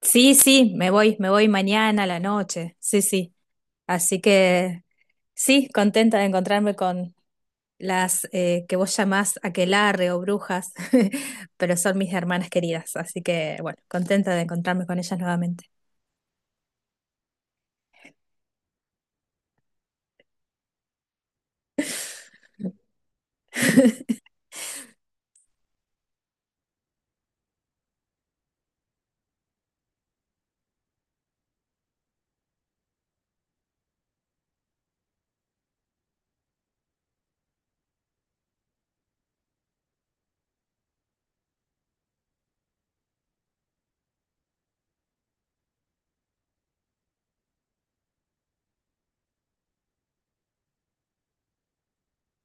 Sí, sí, me voy mañana a la noche. Sí, sí. Así que sí, contenta de encontrarme con las que vos llamás aquelarre o brujas, pero son mis hermanas queridas. Así que bueno, contenta de encontrarme con ellas nuevamente.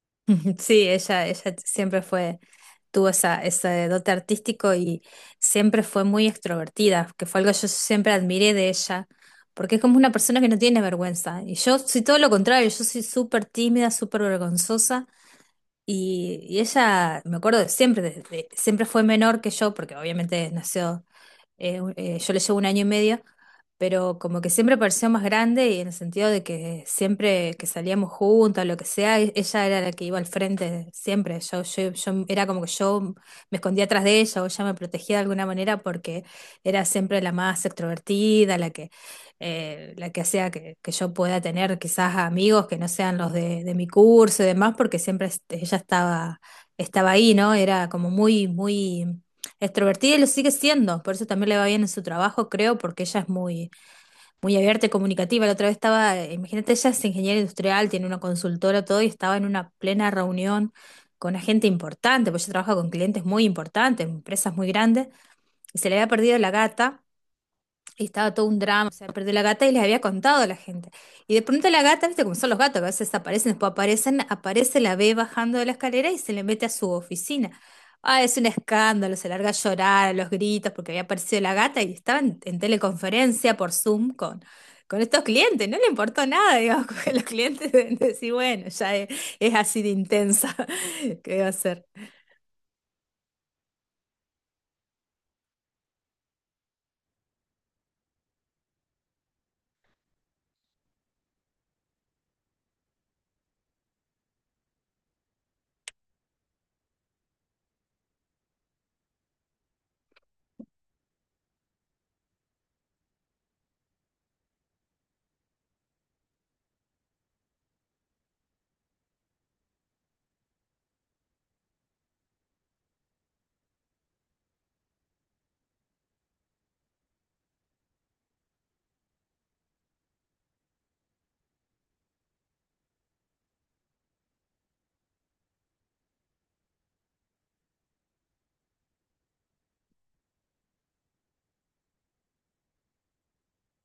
Ujú. Sí, ella siempre fue, tuvo esa, ese dote artístico y siempre fue muy extrovertida, que fue algo que yo siempre admiré de ella, porque es como una persona que no tiene vergüenza. Y yo soy todo lo contrario, yo soy súper tímida, súper vergonzosa. Y ella, me acuerdo de siempre, siempre fue menor que yo, porque obviamente nació yo le llevo un año y medio, pero como que siempre pareció más grande y en el sentido de que siempre que salíamos juntas, lo que sea, ella era la que iba al frente siempre. Era como que yo me escondía atrás de ella o ella me protegía de alguna manera porque era siempre la más extrovertida, la que hacía que yo pueda tener quizás amigos que no sean los de mi curso y demás, porque siempre este, estaba ahí, ¿no? Era como muy, muy... extrovertida y lo sigue siendo, por eso también le va bien en su trabajo, creo, porque ella es muy, muy abierta y comunicativa. La otra vez estaba, imagínate, ella es ingeniera industrial, tiene una consultora, todo, y estaba en una plena reunión con una gente importante, porque ella trabaja con clientes muy importantes, empresas muy grandes, y se le había perdido la gata. Y estaba todo un drama, o sea, perdió la gata y les había contado a la gente. Y de pronto la gata, viste cómo son los gatos, que a veces aparecen, después aparecen, aparece, la ve bajando de la escalera y se le mete a su oficina. Ah, es un escándalo, se larga a llorar, a los gritos, porque había aparecido la gata y estaba en teleconferencia por Zoom con estos clientes, no le importó nada, digamos, porque los clientes deben decir, bueno, ya es así de intensa. ¿Qué va a ser?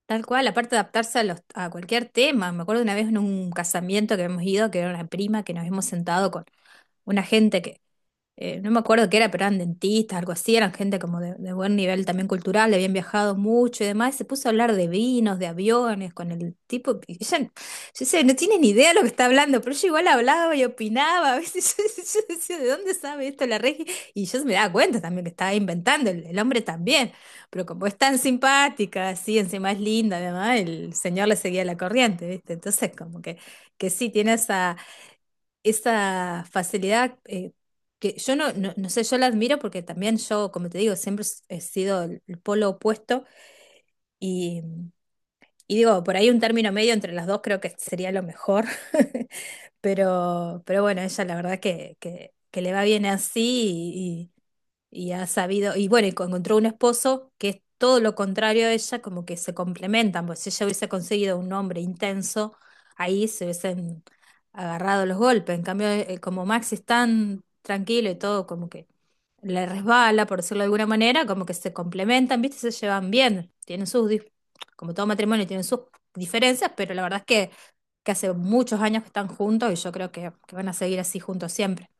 Tal cual, aparte de adaptarse a, los, a cualquier tema. Me acuerdo una vez en un casamiento que hemos ido, que era una prima, que nos hemos sentado con una gente que no me acuerdo qué era, pero eran dentistas, algo así, eran gente como de buen nivel también cultural, habían viajado mucho y demás, y se puso a hablar de vinos, de aviones, con el tipo, y ella, yo decía, no tiene ni idea de lo que está hablando, pero yo igual hablaba y opinaba, a veces, yo decía, ¿de dónde sabe esto la Regi? Y yo me daba cuenta también que estaba inventando, el hombre también, pero como es tan simpática, así, encima es linda, además, el señor le seguía la corriente, ¿viste? Entonces como que sí, tiene esa esa facilidad, que yo no, no, no sé, yo la admiro porque también yo, como te digo, he sido el polo opuesto y, y digo, por ahí un término medio entre las dos creo que sería lo mejor. Pero bueno, ella la verdad que le va bien así y ha sabido, y bueno, encontró un esposo que es todo lo contrario a ella, como que se complementan, pues si ella hubiese conseguido un hombre intenso, ahí se hubiesen agarrado los golpes. En cambio, como Max es tan tranquilo y todo, como que le resbala, por decirlo de alguna manera, como que se complementan, ¿viste? Se llevan bien, tienen sus, como todo matrimonio, tienen sus diferencias, pero la verdad es que hace muchos años que están juntos y yo creo que van a seguir así juntos siempre.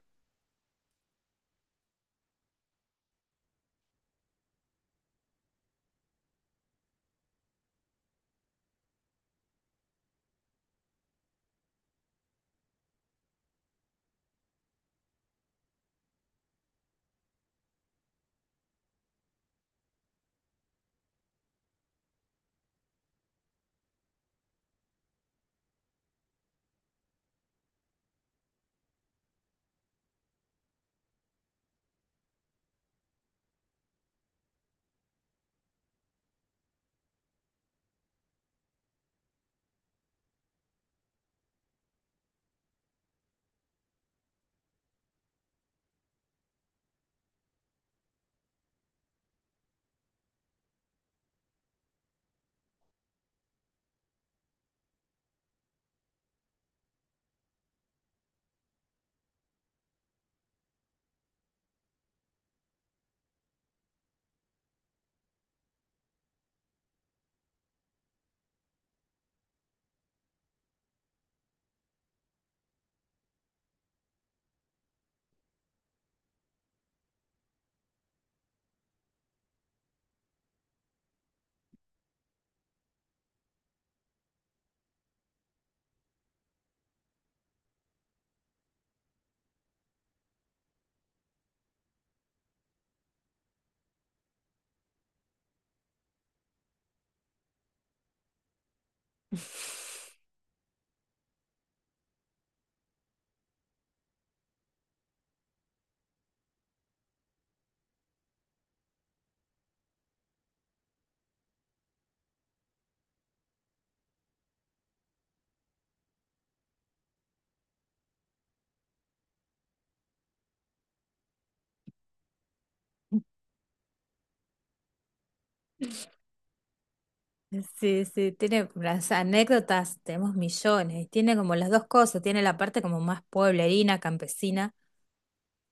Sí, sí, tiene las anécdotas, tenemos millones, y tiene como las dos cosas, tiene la parte como más pueblerina, campesina,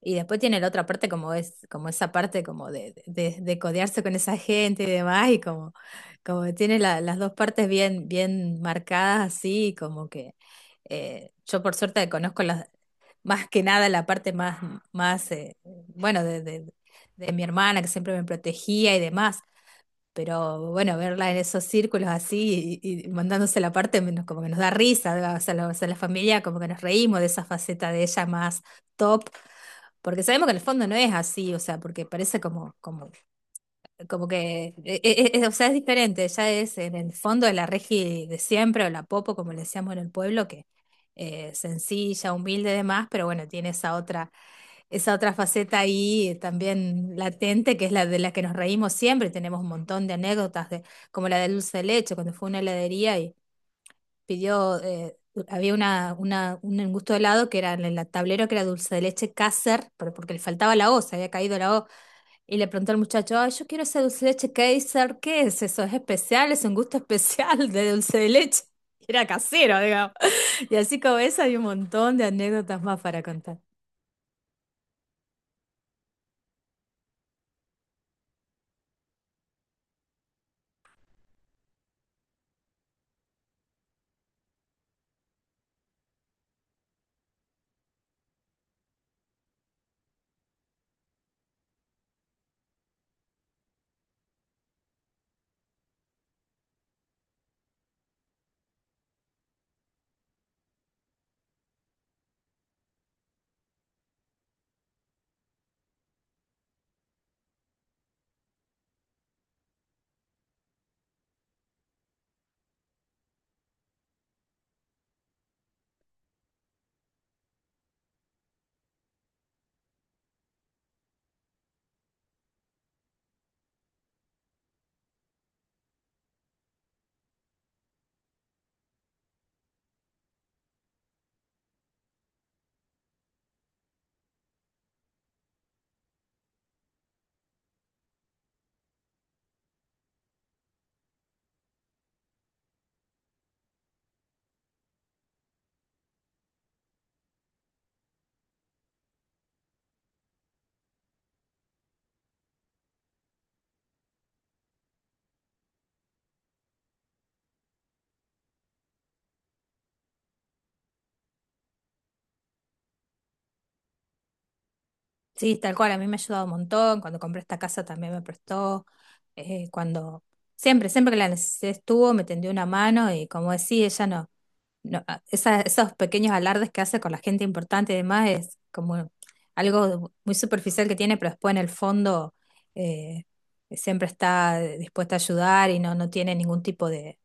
y después tiene la otra parte como es, como esa parte como de codearse con esa gente y demás, y como, como que tiene las dos partes bien, bien marcadas así, y como que yo por suerte conozco las, más que nada la parte más, más bueno, de mi hermana que siempre me protegía y demás, pero bueno, verla en esos círculos así y mandándose la parte menos como que nos da risa, ¿verdad? O sea, la, o sea, la familia como que nos reímos de esa faceta de ella más top, porque sabemos que en el fondo no es así, o sea, porque parece como, como, como que, o sea, es diferente, ella es en el fondo de la Regi de siempre, o la Popo, como le decíamos en el pueblo, que sencilla, humilde y demás, pero bueno, tiene esa otra faceta ahí, también latente, que es la de la que nos reímos siempre. Tenemos un montón de anécdotas, de, como la de dulce de leche, cuando fue a una heladería y pidió, había una, un gusto de helado que era en el tablero que era dulce de leche Kaiser, pero porque le faltaba la O, se había caído la O. Y le preguntó al muchacho, ay, yo quiero ese dulce de leche Kaiser, ¿qué es eso? ¿Es especial? ¿Es un gusto especial de dulce de leche? Era casero, digamos. Y así como esa hay un montón de anécdotas más para contar. Sí, tal cual, a mí me ha ayudado un montón. Cuando compré esta casa también me prestó, cuando siempre, siempre que la necesidad estuvo, me tendió una mano y como decía, ella no, esos pequeños alardes que hace con la gente importante y demás es como algo muy superficial que tiene, pero después en el fondo, eh, siempre está dispuesta a ayudar y no, no tiene ningún tipo de,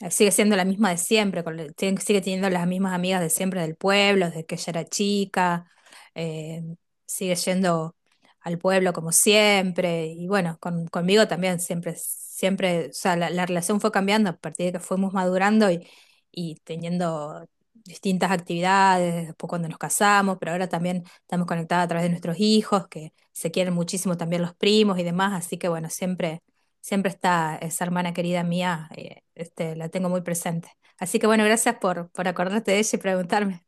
sigue siendo la misma de siempre, con sigue teniendo las mismas amigas de siempre del pueblo, desde que ella era chica, eh, sigue yendo al pueblo como siempre, y bueno, conmigo también siempre, siempre, o sea, la relación fue cambiando a partir de que fuimos madurando y teniendo distintas actividades, después cuando nos casamos, pero ahora también estamos conectadas a través de nuestros hijos, que se quieren muchísimo también los primos y demás, así que bueno, siempre siempre está esa hermana querida mía, este, la tengo muy presente. Así que bueno, gracias por acordarte de ella y preguntarme.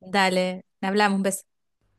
Dale, hablamos, un beso.